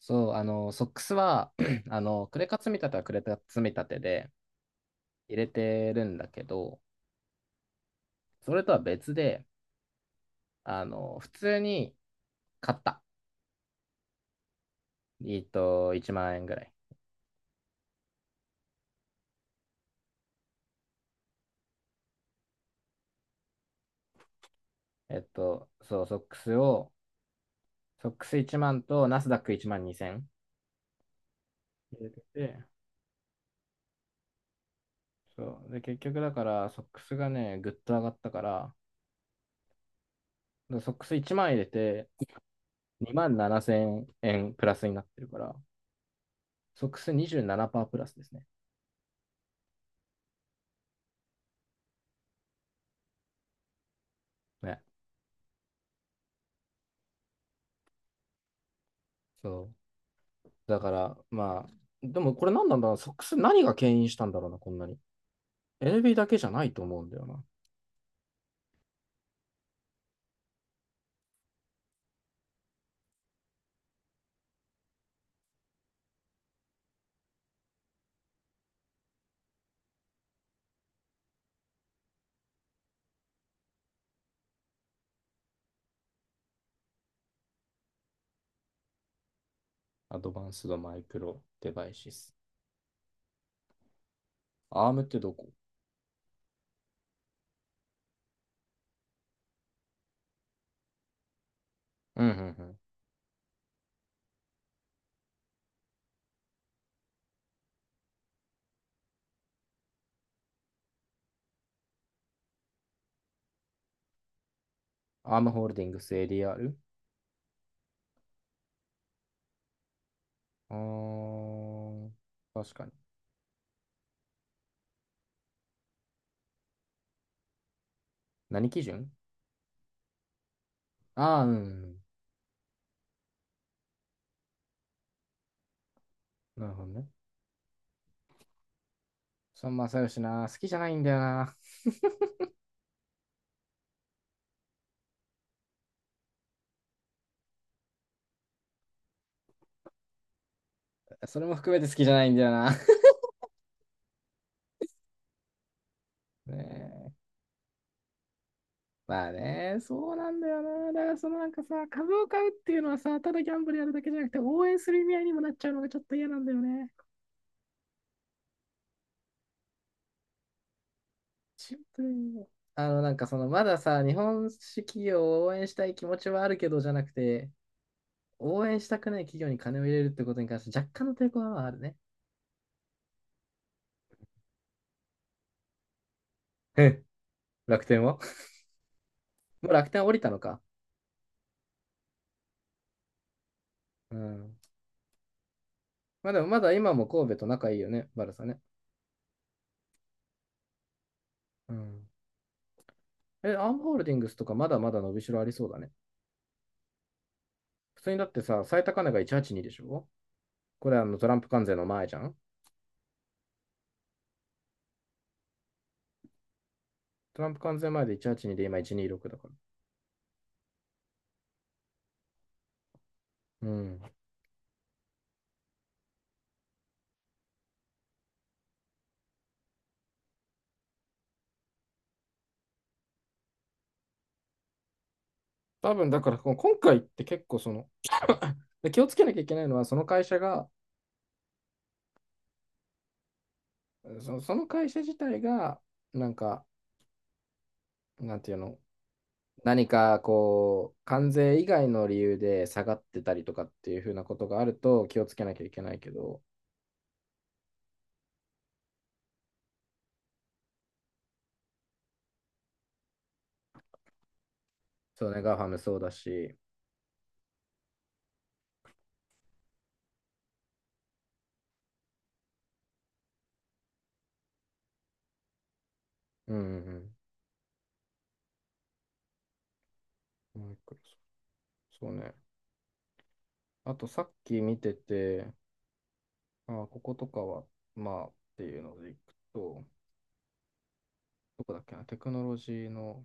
そう、ソックスは、クレカ積み立てはクレカ積み立てで入れてるんだけど、それとは別で、普通に買った。1万円ぐらい。そう、ソックスを、ソックス1万とナスダック1万2千入れてて、そう。で、結局だから、ソックスがね、ぐっと上がったから、でソックス1万入れて、2万7千円プラスになってるから、ソックス27%プラスですね。ね。そう。だから、まあ、でもこれ何なんだろうな、ソックス何が牽引したんだろうな、こんなに。NB だけじゃないと思うんだよな。アドバンスドマイクロデバイシス。アームってどこ。うんうんうん。アームホールディングス ADR？ あー、確かに。何基準。ああー、うんうん。なるほどね。孫正義な、好きじゃないんだよな。それも含めて好きじゃないんだよな。ね。え。まあね、そうなんだよな。だからなんかさ、株を買うっていうのはさ、ただギャンブルやるだけじゃなくて、応援する意味合いにもなっちゃうのがちょっと嫌なんだよね。シンプルに。なんかまださ、日本式企業を応援したい気持ちはあるけど、じゃなくて、応援したくない企業に金を入れるってことに関して若干の抵抗はあるね。え、楽天は、もう楽天降りたのか。うん。まあでもまだ今も神戸と仲いいよね、バルサね。うん。え、アンホールディングスとかまだまだ伸びしろありそうだね。普通にだってさ、最高値が182でしょ。これはあのトランプ関税の前じゃん。トランプ関税前で182で今126だから。うん。多分だから今回って結構で、気をつけなきゃいけないのはその会社が、その会社自体が、なんか、なんていうの、何かこう、関税以外の理由で下がってたりとかっていうふうなことがあると気をつけなきゃいけないけど、そうね、ガファムそうだし、うんうんうん。もう一個。そうね。あとさっき見てて、あこことかは、まあっていうのでいくと、どこだっけな、テクノロジーの、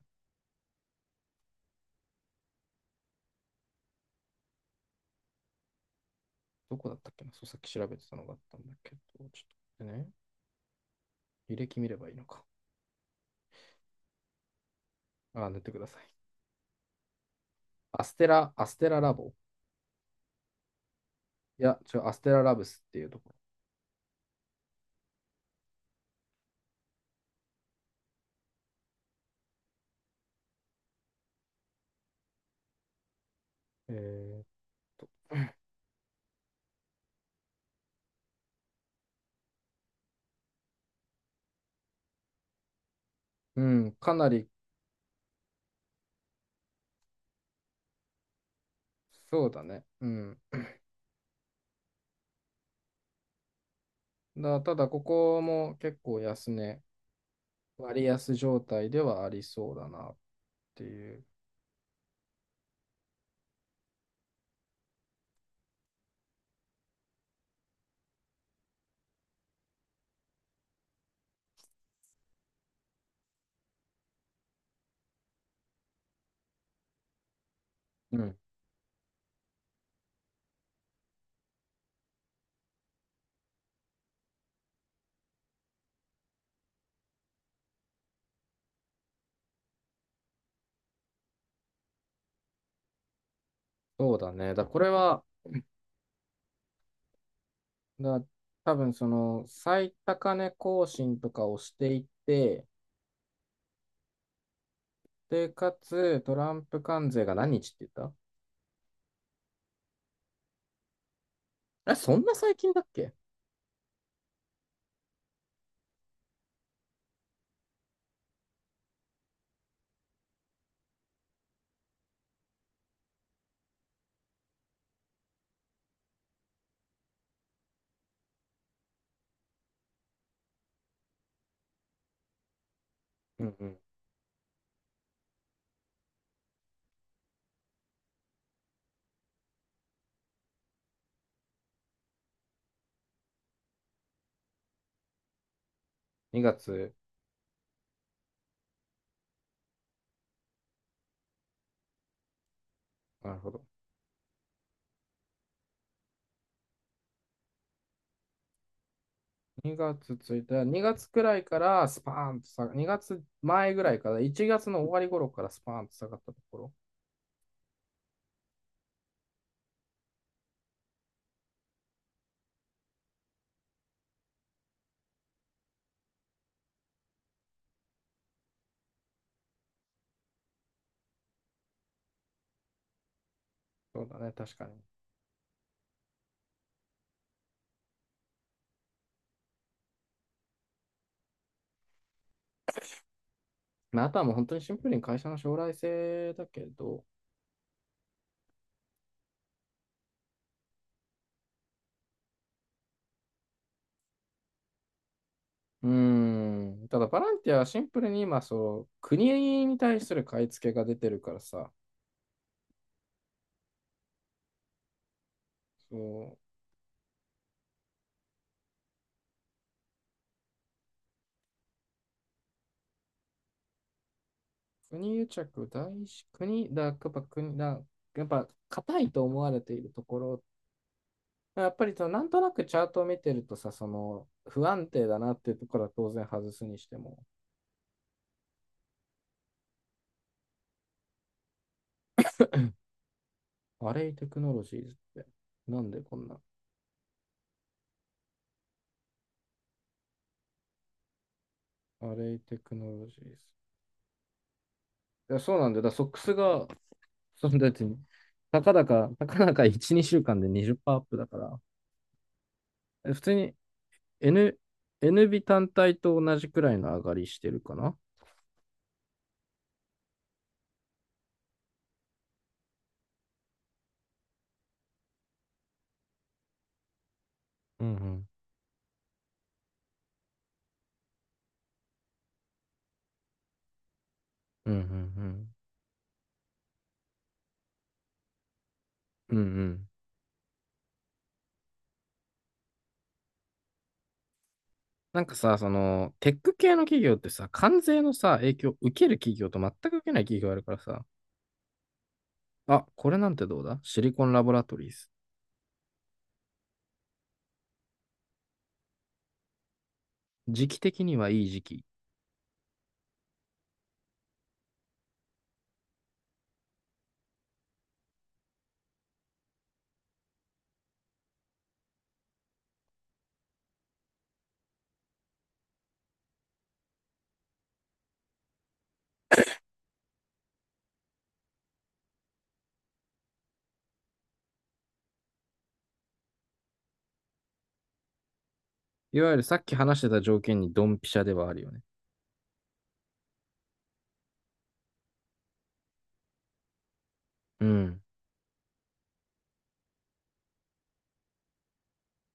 どこだったっけな、そう、さっき調べてたのがあったんだけど、ちょっと待ってね、履歴見ればいいのか。ああ、塗ってください。アステラ、アステララボ。いや、違う、アステララブスっていうところ。えーっと、うん、かなり、そうだね。うん。ただ、ここも結構安値、割安状態ではありそうだなっていう。うん、そうだね。これは、だ、多分その最高値更新とかをしていって、で、かつ、トランプ関税が何日って言った。あ、そんな最近だっけ。うんうん。2月、なるほど。2月いた2月くらいからスパーンと下が、2月前ぐらいから、1月の終わり頃からスパーンと下がったところ。そうだね、確かに。まあ、あとはもう本当にシンプルに会社の将来性だけど、うーん、ただボランティアはシンプルに今、そう、国に対する買い付けが出てるからさ、そう国癒着、大師、国、やっぱ国、やっぱ硬いと思われているところ、やっぱりそのなんとなくチャートを見てるとさ、その不安定だなっていうところは当然外すにしても、アレイテクノロジーズって、なんでこんな、アレイテクノロジーズ。いや、そうなんだよ。ソックスが、そんだって、たかだか1、2週間で20%アップだから、普通に N、NB 単体と同じくらいの上がりしてるかな。うんうん。うんうんうん。うんうん、なんかさ、その、テック系の企業ってさ、関税のさ、影響を受ける企業と全く受けない企業があるからさ、あ、これなんてどう、だシリコンラボラトリーズ。時期的にはいい時期。いわゆるさっき話してた条件にドンピシャではあるよね。うん。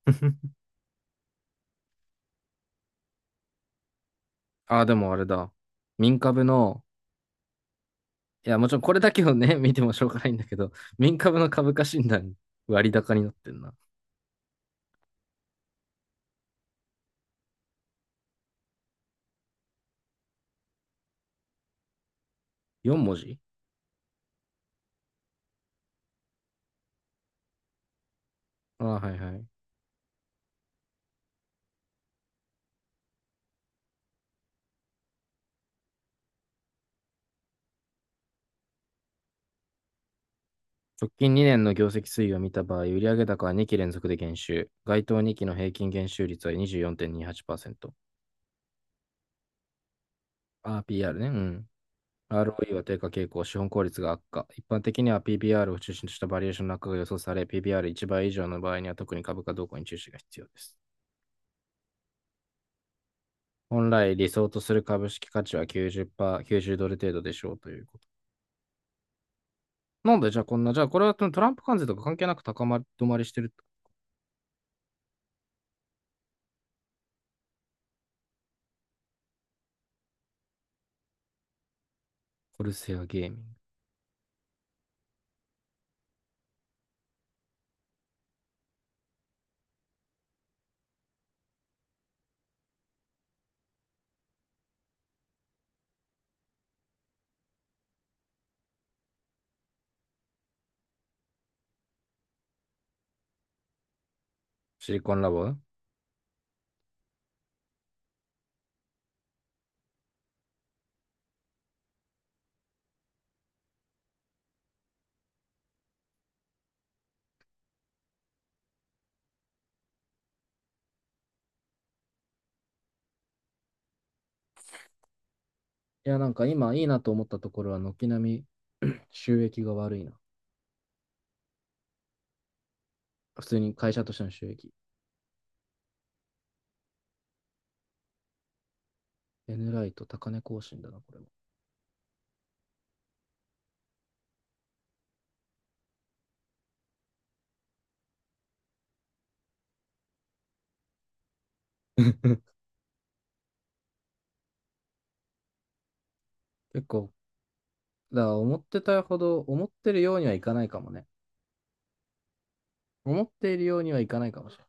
あ、でもあれだ。民株の、いや、もちろんこれだけをね、見てもしょうがないんだけど、民株の株価診断、割高になってんな。4文字。あ、はいはい。直近2年の業績推移を見た場合、売上高は2期連続で減収。該当2期の平均減収率は24.28%。RPR ね。うん。ROE は低下傾向、資本効率が悪化。一般的には PBR を中心としたバリエーションの悪化が予想され、PBR1 倍以上の場合には特に株価動向に注視が必要です。本来理想とする株式価値は90%、90ドル程度でしょうということ。なんでじゃあこんな、じゃあこれはトランプ関税とか関係なく高まり止まりしてる。コルセアゲーミング。シリコンラボ。いや、なんか今いいなと思ったところは、軒並み収益が悪いな。普通に会社としての収益。N ライト高値更新だな、これも。結構、だから思ってたほど、思ってるようにはいかないかもね。思っているようにはいかないかもしれない。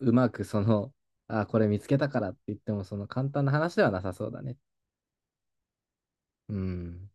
うまくあ、これ見つけたからって言っても、その簡単な話ではなさそうだね。うん。